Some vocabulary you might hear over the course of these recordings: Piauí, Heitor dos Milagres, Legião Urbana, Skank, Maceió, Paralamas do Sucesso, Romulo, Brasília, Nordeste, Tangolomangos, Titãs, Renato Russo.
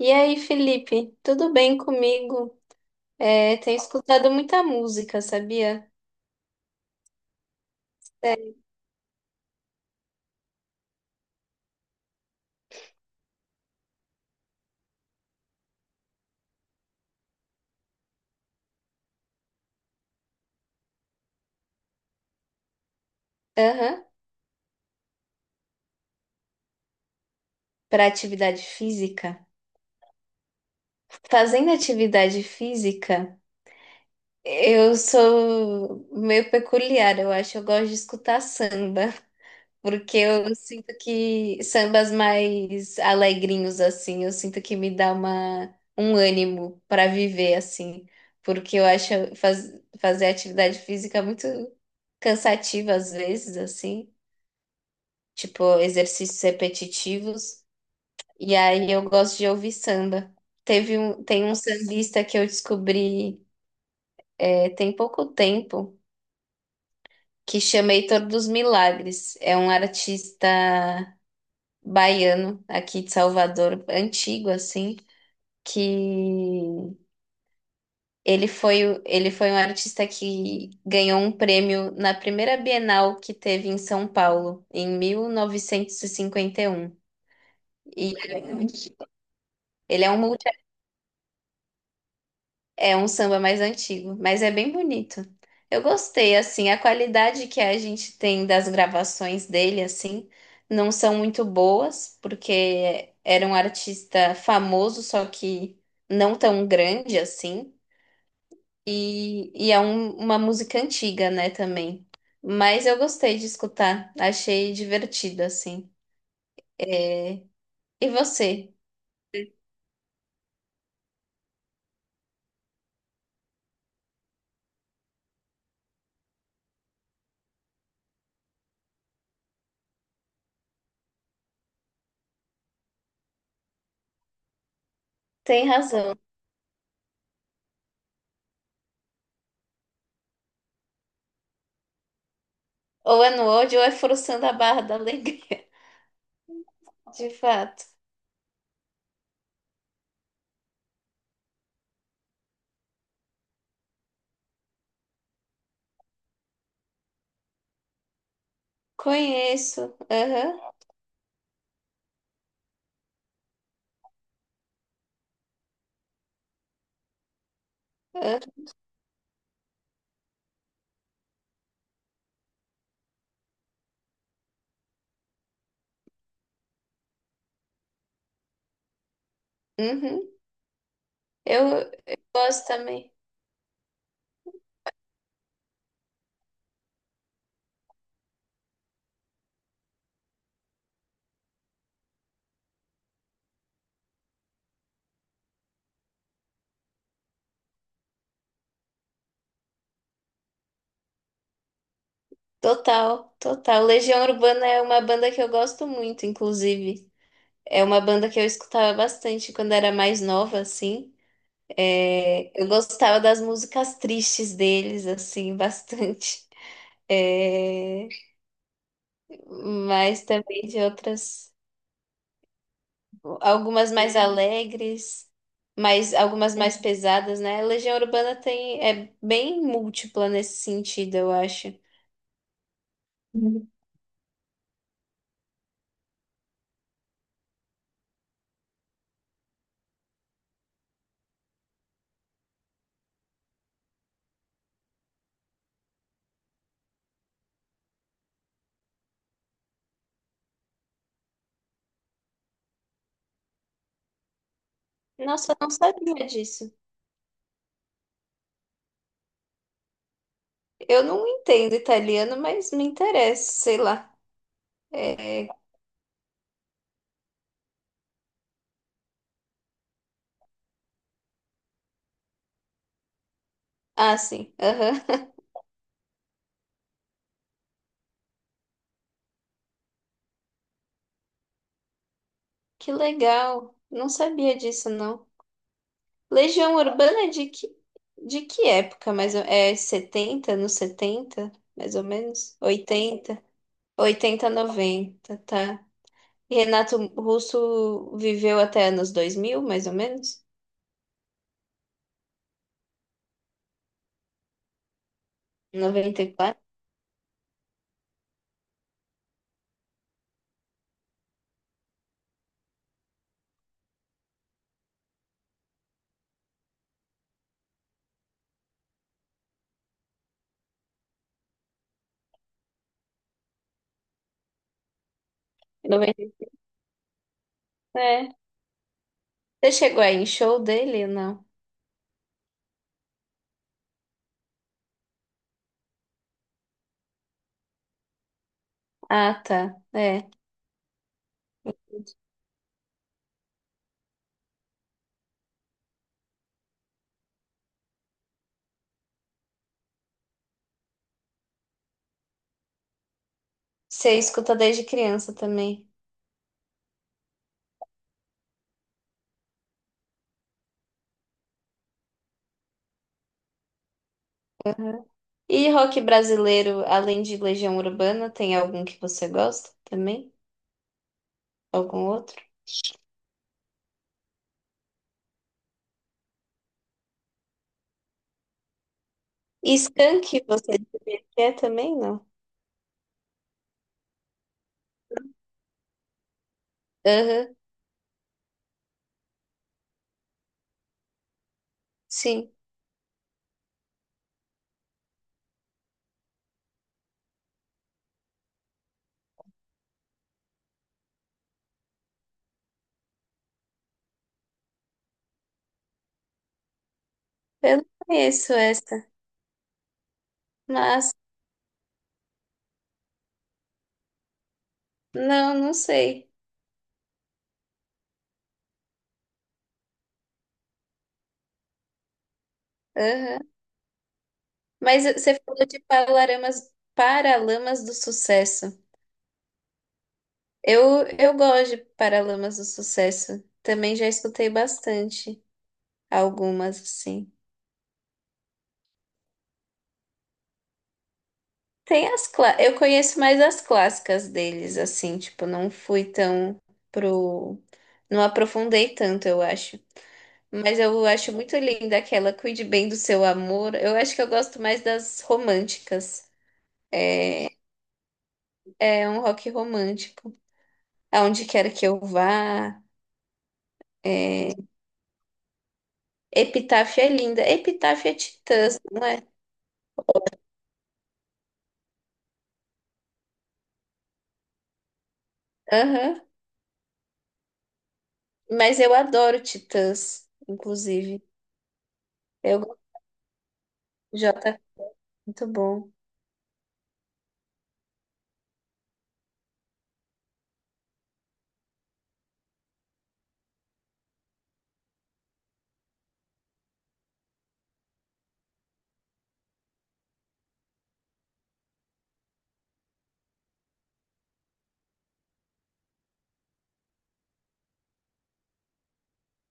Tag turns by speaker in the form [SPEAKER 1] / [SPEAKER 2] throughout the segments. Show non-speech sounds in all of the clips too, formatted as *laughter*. [SPEAKER 1] E aí, Felipe, tudo bem comigo? É, tenho escutado muita música, sabia? É, aham. Para atividade física. Fazendo atividade física, eu sou meio peculiar, eu acho. Eu gosto de escutar samba. Porque eu sinto que sambas mais alegrinhos, assim, eu sinto que me dá uma, um ânimo para viver, assim. Porque eu acho fazer atividade física muito cansativa às vezes, assim. Tipo, exercícios repetitivos. E aí eu gosto de ouvir samba. Teve um, tem um sambista que eu descobri é, tem pouco tempo, que chama Heitor dos Milagres. É um artista baiano aqui de Salvador, antigo assim, que ele foi, ele foi um artista que ganhou um prêmio na primeira Bienal que teve em São Paulo, em 1951. E 51. E ele é um É um samba mais antigo, mas é bem bonito. Eu gostei, assim, a qualidade que a gente tem das gravações dele, assim, não são muito boas, porque era um artista famoso, só que não tão grande assim, e é uma música antiga, né, também. Mas eu gostei de escutar, achei divertido, assim. E você? Tem razão. Ou é no ódio ou é forçando a barra da alegria. *laughs* De fato. Conheço. Aham. Ah, uhum. Eu, eu gosto também. Total, total. Legião Urbana é uma banda que eu gosto muito, inclusive. É uma banda que eu escutava bastante quando era mais nova, assim. É, eu gostava das músicas tristes deles, assim, *laughs* bastante. É, mas também de outras, algumas mais alegres, mas algumas mais pesadas, né? A Legião Urbana tem, é bem múltipla nesse sentido, eu acho. Nossa, eu não sabia disso. Eu não entendo italiano, mas me interessa, sei lá. É... Ah, sim. Aham. *laughs* Que legal. Não sabia disso, não. Legião Urbana é de que época? Mais ou... É 70, nos 70 mais ou menos? 80. 80, 90. Tá. E Renato Russo viveu até anos 2000 mais ou menos? 94. 90. É. Você chegou aí em show dele ou não? Ah, tá. É. Você escuta desde criança também. E rock brasileiro, além de Legião Urbana, tem algum que você gosta também? Algum outro? E Skank, você diria que é também? Não. Aham, sim. Eu não conheço essa, mas não, não sei. Aham. Mas você falou de Paralamas, Paralamas do Sucesso. Eu gosto de Paralamas do Sucesso. Também já escutei bastante algumas, assim. Eu conheço mais as clássicas deles, assim, tipo, não fui tão pro. Não aprofundei tanto, eu acho. Mas eu acho muito linda aquela Cuide Bem do Seu Amor. Eu acho que eu gosto mais das românticas. É um rock romântico. Aonde quer que eu vá. É, Epitáfio é linda. Epitáfio é Titãs, não é? Aham. Mas eu adoro Titãs, inclusive. Eu gosto de Jota, muito bom.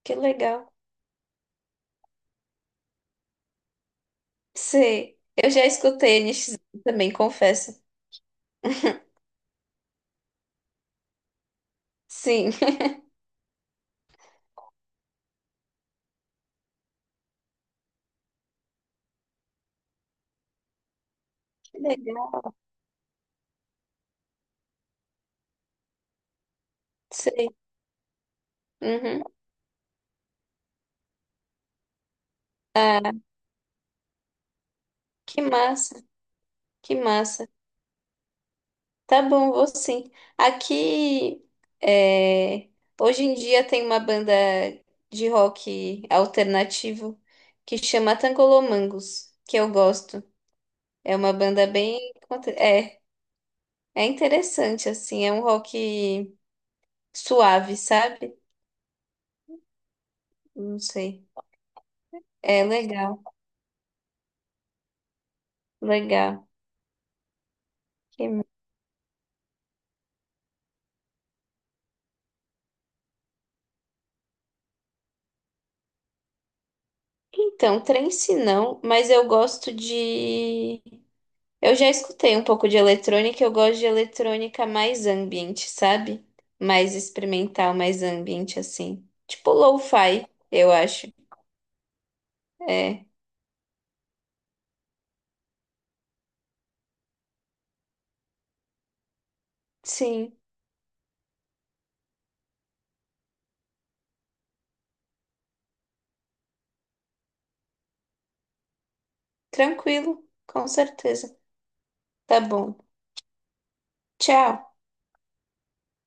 [SPEAKER 1] Que legal. Sim, eu já escutei NX também, confesso. *laughs* Sim, que legal. Sei. Uhum. Ah, que massa, que massa. Tá bom, vou sim. Aqui, é, hoje em dia tem uma banda de rock alternativo que chama Tangolomangos, que eu gosto. É uma banda bem. conte- É, é interessante, assim, é um rock suave, sabe? Não sei. É legal, legal. Que- Então, trance não, mas eu gosto de. Eu já escutei um pouco de eletrônica, eu gosto de eletrônica mais ambiente, sabe? Mais experimental, mais ambiente assim. Tipo lo-fi, eu acho. É, sim, tranquilo, com certeza. Tá bom. Tchau.